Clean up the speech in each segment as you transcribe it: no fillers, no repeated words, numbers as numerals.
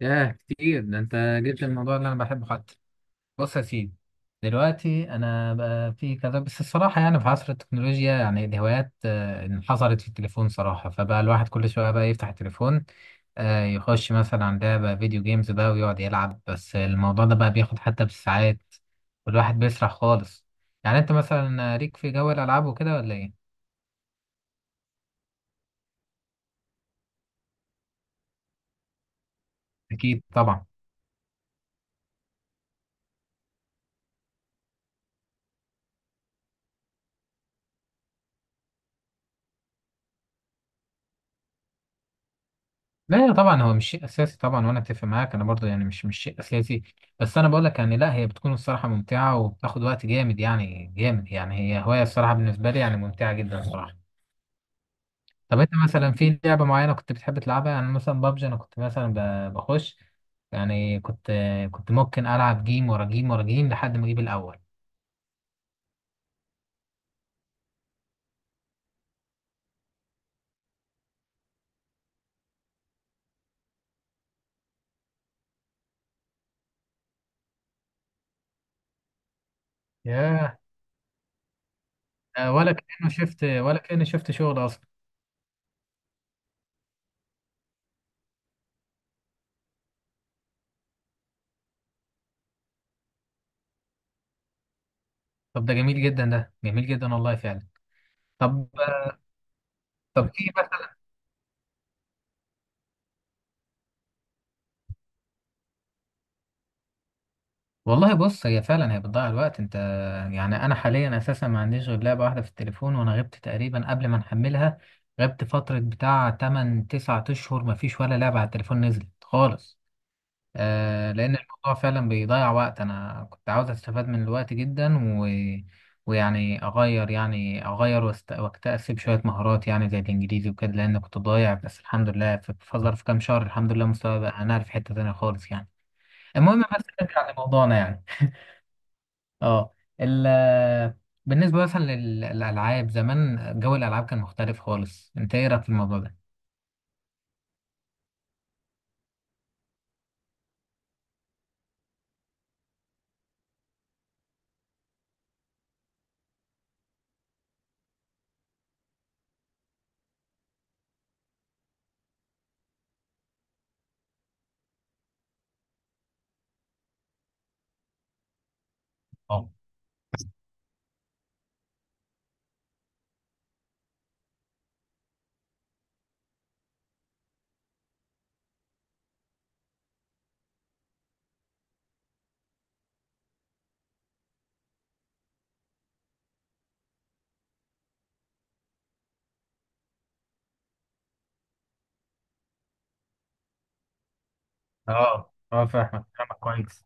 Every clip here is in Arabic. ياه كتير ده انت جبت الموضوع اللي انا بحبه حتى. بص يا سيدي، دلوقتي انا بقى في كذا، بس الصراحه يعني في عصر التكنولوجيا يعني الهوايات انحصرت في التليفون صراحه، فبقى الواحد كل شويه بقى يفتح التليفون، يخش مثلا عن لعبه فيديو جيمز بقى ويقعد يلعب. بس الموضوع ده بقى بياخد حتى بالساعات، والواحد بيسرح خالص. يعني انت مثلا ليك في جو الالعاب وكده ولا ايه؟ أكيد طبعا. لا طبعا هو مش شيء اساسي طبعا، وانا اتفق معاك، انا برضه يعني مش شيء اساسي. بس انا بقول لك يعني، لا هي بتكون الصراحه ممتعه وبتاخد وقت جامد يعني جامد، يعني هي هوايه الصراحه بالنسبه لي يعني ممتعه جدا الصراحه. طب انت مثلا في لعبه معينه كنت بتحب تلعبها؟ يعني مثلا بابجي انا كنت مثلا بخش، يعني كنت ممكن العب جيم ورا جيم ورا جيم لحد ما اجيب الاول. ياه، ولا كأني شفت شغل اصلا. طب ده جميل جدا، ده جميل جدا والله فعلا. طب طب في والله بص، هي فعلا هي بتضيع الوقت. انت يعني انا حاليا اساسا ما عنديش غير لعبه واحده في التليفون، وانا غبت تقريبا قبل ما نحملها، غبت فتره بتاع 8 9 اشهر ما فيش ولا لعبه على التليفون نزلت خالص. آه، لان الموضوع فعلا بيضيع وقت. انا كنت عاوز استفاد من الوقت جدا ويعني اغير واكتسب شويه مهارات، يعني زي الانجليزي وكده، لان كنت ضايع. بس الحمد لله في ظرف كام شهر الحمد لله مستواي بقى انا في حته تانيه خالص يعني. المهم بس نرجع لموضوعنا يعني. اه. ال بالنسبة مثلا للألعاب زمان، جو الألعاب كان مختلف خالص، انت ايه رأيك في الموضوع ده؟ اه اه فاهمك، كويس.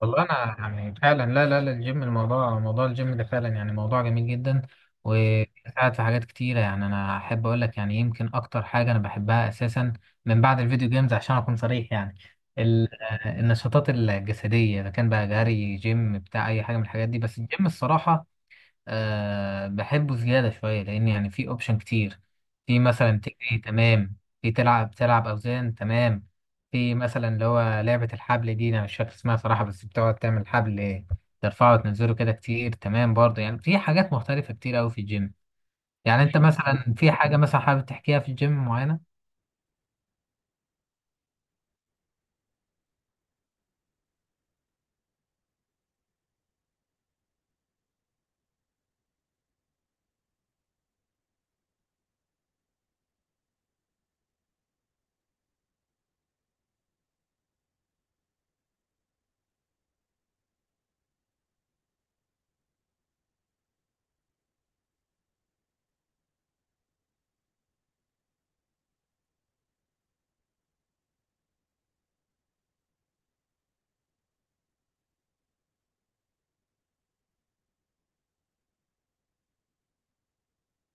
والله انا يعني فعلا، لا لا لا الجيم موضوع الجيم ده فعلا يعني موضوع جميل جدا، وساعد في حاجات كتيره. يعني انا احب اقول لك، يعني يمكن اكتر حاجه انا بحبها اساسا من بعد الفيديو جيمز عشان اكون صريح يعني، النشاطات الجسديه، اذا كان بقى جري، جيم، بتاع اي حاجه من الحاجات دي، بس الجيم الصراحه أه بحبه زيادة شوية، لأن يعني في أوبشن كتير. في مثلا تجري تمام، في تلعب أوزان تمام، في مثلا اللي هو لعبة الحبل دي، أنا مش فاكر اسمها صراحة، بس بتقعد تعمل حبل ترفعه وتنزله كده كتير تمام، برضه يعني في حاجات مختلفة كتير أوي في الجيم. يعني أنت مثلا في حاجة مثلا حابب تحكيها في الجيم معينة؟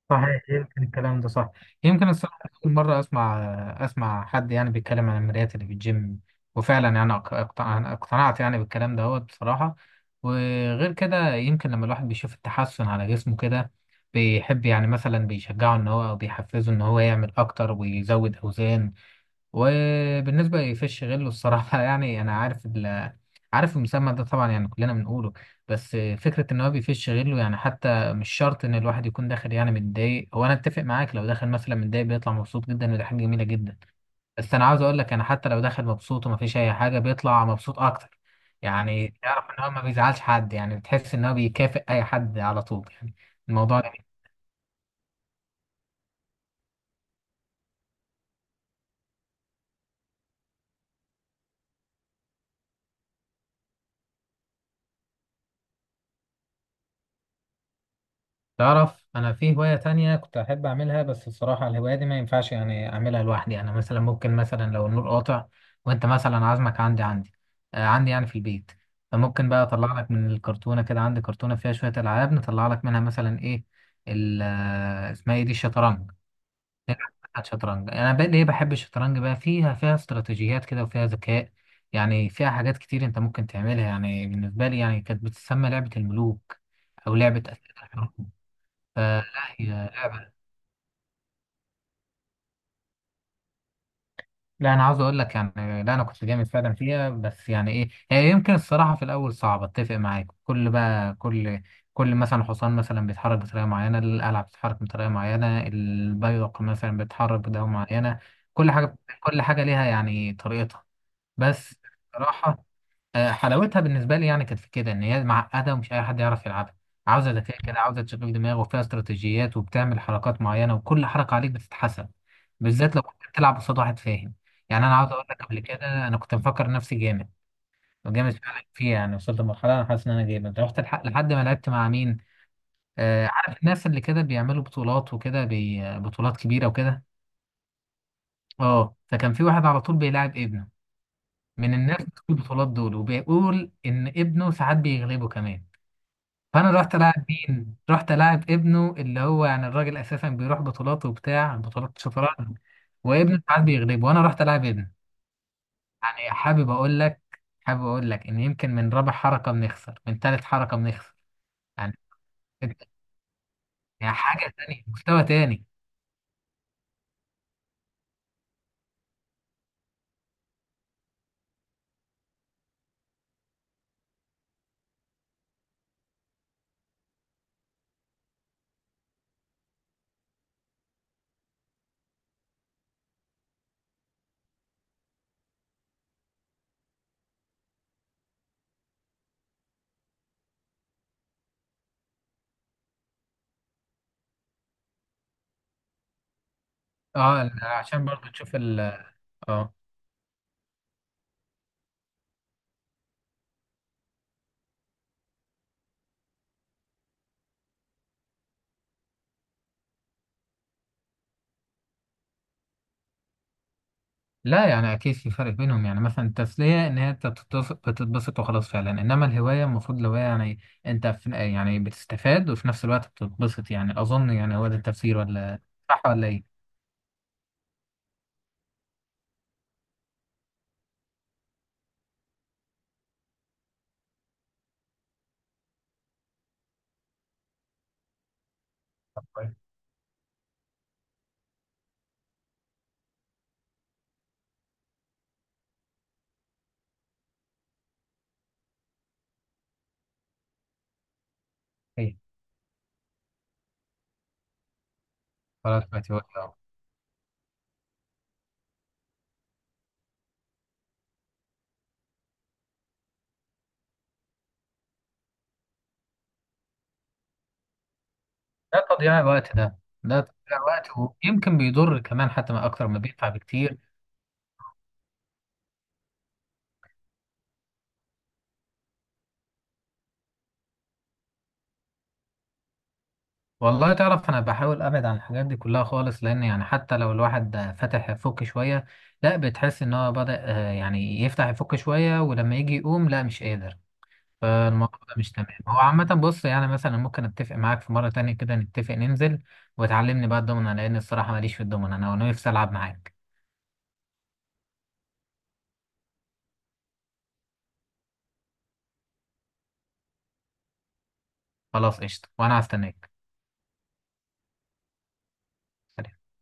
صحيح، يمكن الكلام ده صح، يمكن الصراحة أول مرة أسمع حد يعني بيتكلم عن المرايات اللي في الجيم، وفعلا يعني اقتنعت يعني بالكلام دوت بصراحة. وغير كده يمكن لما الواحد بيشوف التحسن على جسمه كده بيحب، يعني مثلا بيشجعه إن هو أو بيحفزه إن هو يعمل أكتر ويزود أوزان. وبالنسبة لفيش غلو الصراحة يعني أنا عارف عارف المسمى ده طبعا، يعني كلنا بنقوله، بس فكرة إن هو بيفش غله يعني حتى مش شرط إن الواحد يكون داخل يعني متضايق. هو أنا أتفق معاك، لو داخل مثلا متضايق بيطلع مبسوط جدا، ودي حاجة جميلة جدا. بس أنا عاوز أقول لك، أنا حتى لو داخل مبسوط ومفيش أي حاجة بيطلع مبسوط أكتر. يعني تعرف إن هو ما بيزعلش حد، يعني بتحس إن هو بيكافئ أي حد على طول يعني الموضوع ده. تعرف انا في هواية تانية كنت احب اعملها، بس الصراحة الهواية دي ما ينفعش يعني اعملها لوحدي. انا مثلا ممكن مثلا لو النور قاطع وانت مثلا عازمك عندي، عندي يعني في البيت، فممكن بقى اطلع لك من الكرتونة كده، عندي كرتونة فيها شوية العاب نطلع لك منها مثلا ايه، ال- آه، اسمها ايه دي الشطرنج، بتاعت شطرنج. انا بقى ليه بحب الشطرنج؟ بقى فيها استراتيجيات كده وفيها ذكاء، يعني فيها حاجات كتير انت ممكن تعملها. يعني بالنسبة لي يعني كانت بتسمى لعبة الملوك او لعبة أسئلة الحروب. فلا هي لعبة، لا أنا عاوز أقول لك يعني، لا أنا كنت جامد فعلا فيها. بس يعني إيه، هي يمكن الصراحة في الأول صعبة أتفق معاك. كل بقى كل كل مثلا حصان مثلا بيتحرك بطريقة معينة، القلعة بتتحرك بطريقة معينة، البيدق مثلا بيتحرك بطريقة معينة، كل حاجة ليها يعني طريقتها. بس صراحة حلاوتها بالنسبة لي يعني كانت في كده إن هي معقدة ومش أي حد يعرف يلعبها، عاوزة ذكاء كده، عاوزة تشغيل دماغ، وفيها استراتيجيات، وبتعمل حركات معينة، وكل حركة عليك بتتحسب، بالذات لو كنت بتلعب قصاد واحد فاهم. يعني أنا عاوز أقول لك، قبل كده أنا كنت مفكر نفسي جامد، وجامد فعلا فيها يعني، وصلت لمرحلة أنا حاسس إن أنا جامد. رحت الحق لحد ما لعبت مع مين، آه عارف الناس اللي كده بيعملوا بطولات وكده، بطولات كبيرة وكده. أه فكان في واحد على طول بيلاعب ابنه، من الناس اللي في البطولات دول، وبيقول إن ابنه ساعات بيغلبه كمان. فانا رحت العب مين؟ رحت العب ابنه، اللي هو يعني الراجل اساسا بيروح بطولات وبتاع بطولات شطرنج، وابنه ساعات بيغلبه، وانا رحت العب ابنه. يعني حابب اقول لك، ان يمكن من رابع حركه بنخسر، من ثالث حركه بنخسر يعني، يعني حاجه تانية مستوى تاني. اه عشان برضه تشوف ال اه لا يعني اكيد في فرق بينهم. يعني مثلا التسليه ان هي انت بتتبسط، بتتبسط وخلاص فعلا، انما الهوايه المفروض الهوايه يعني انت في يعني بتستفاد وفي نفس الوقت بتتبسط، يعني اظن يعني هو ده التفسير، ولا صح ولا ايه؟ ايه خلاص دلوقتي هو كده. ده تضييع الوقت ده، ده تضييع وقت، ويمكن بيضر كمان حتى، ما اكتر ما بينفع بكتير. والله تعرف انا بحاول ابعد عن الحاجات دي كلها خالص، لان يعني حتى لو الواحد فتح يفك شويه، لا بتحس ان هو بدأ يعني يفتح يفك شويه، ولما يجي يقوم لا مش قادر. فالموضوع ده مش تمام. هو عامة بص يعني، مثلا ممكن اتفق معاك في مرة تانية كده نتفق ننزل وتعلمني بقى الدومنة، لأن الصراحة ماليش في الدومنة، أنا نفسي ألعب معاك. خلاص قشطة وأنا هستناك. سلام.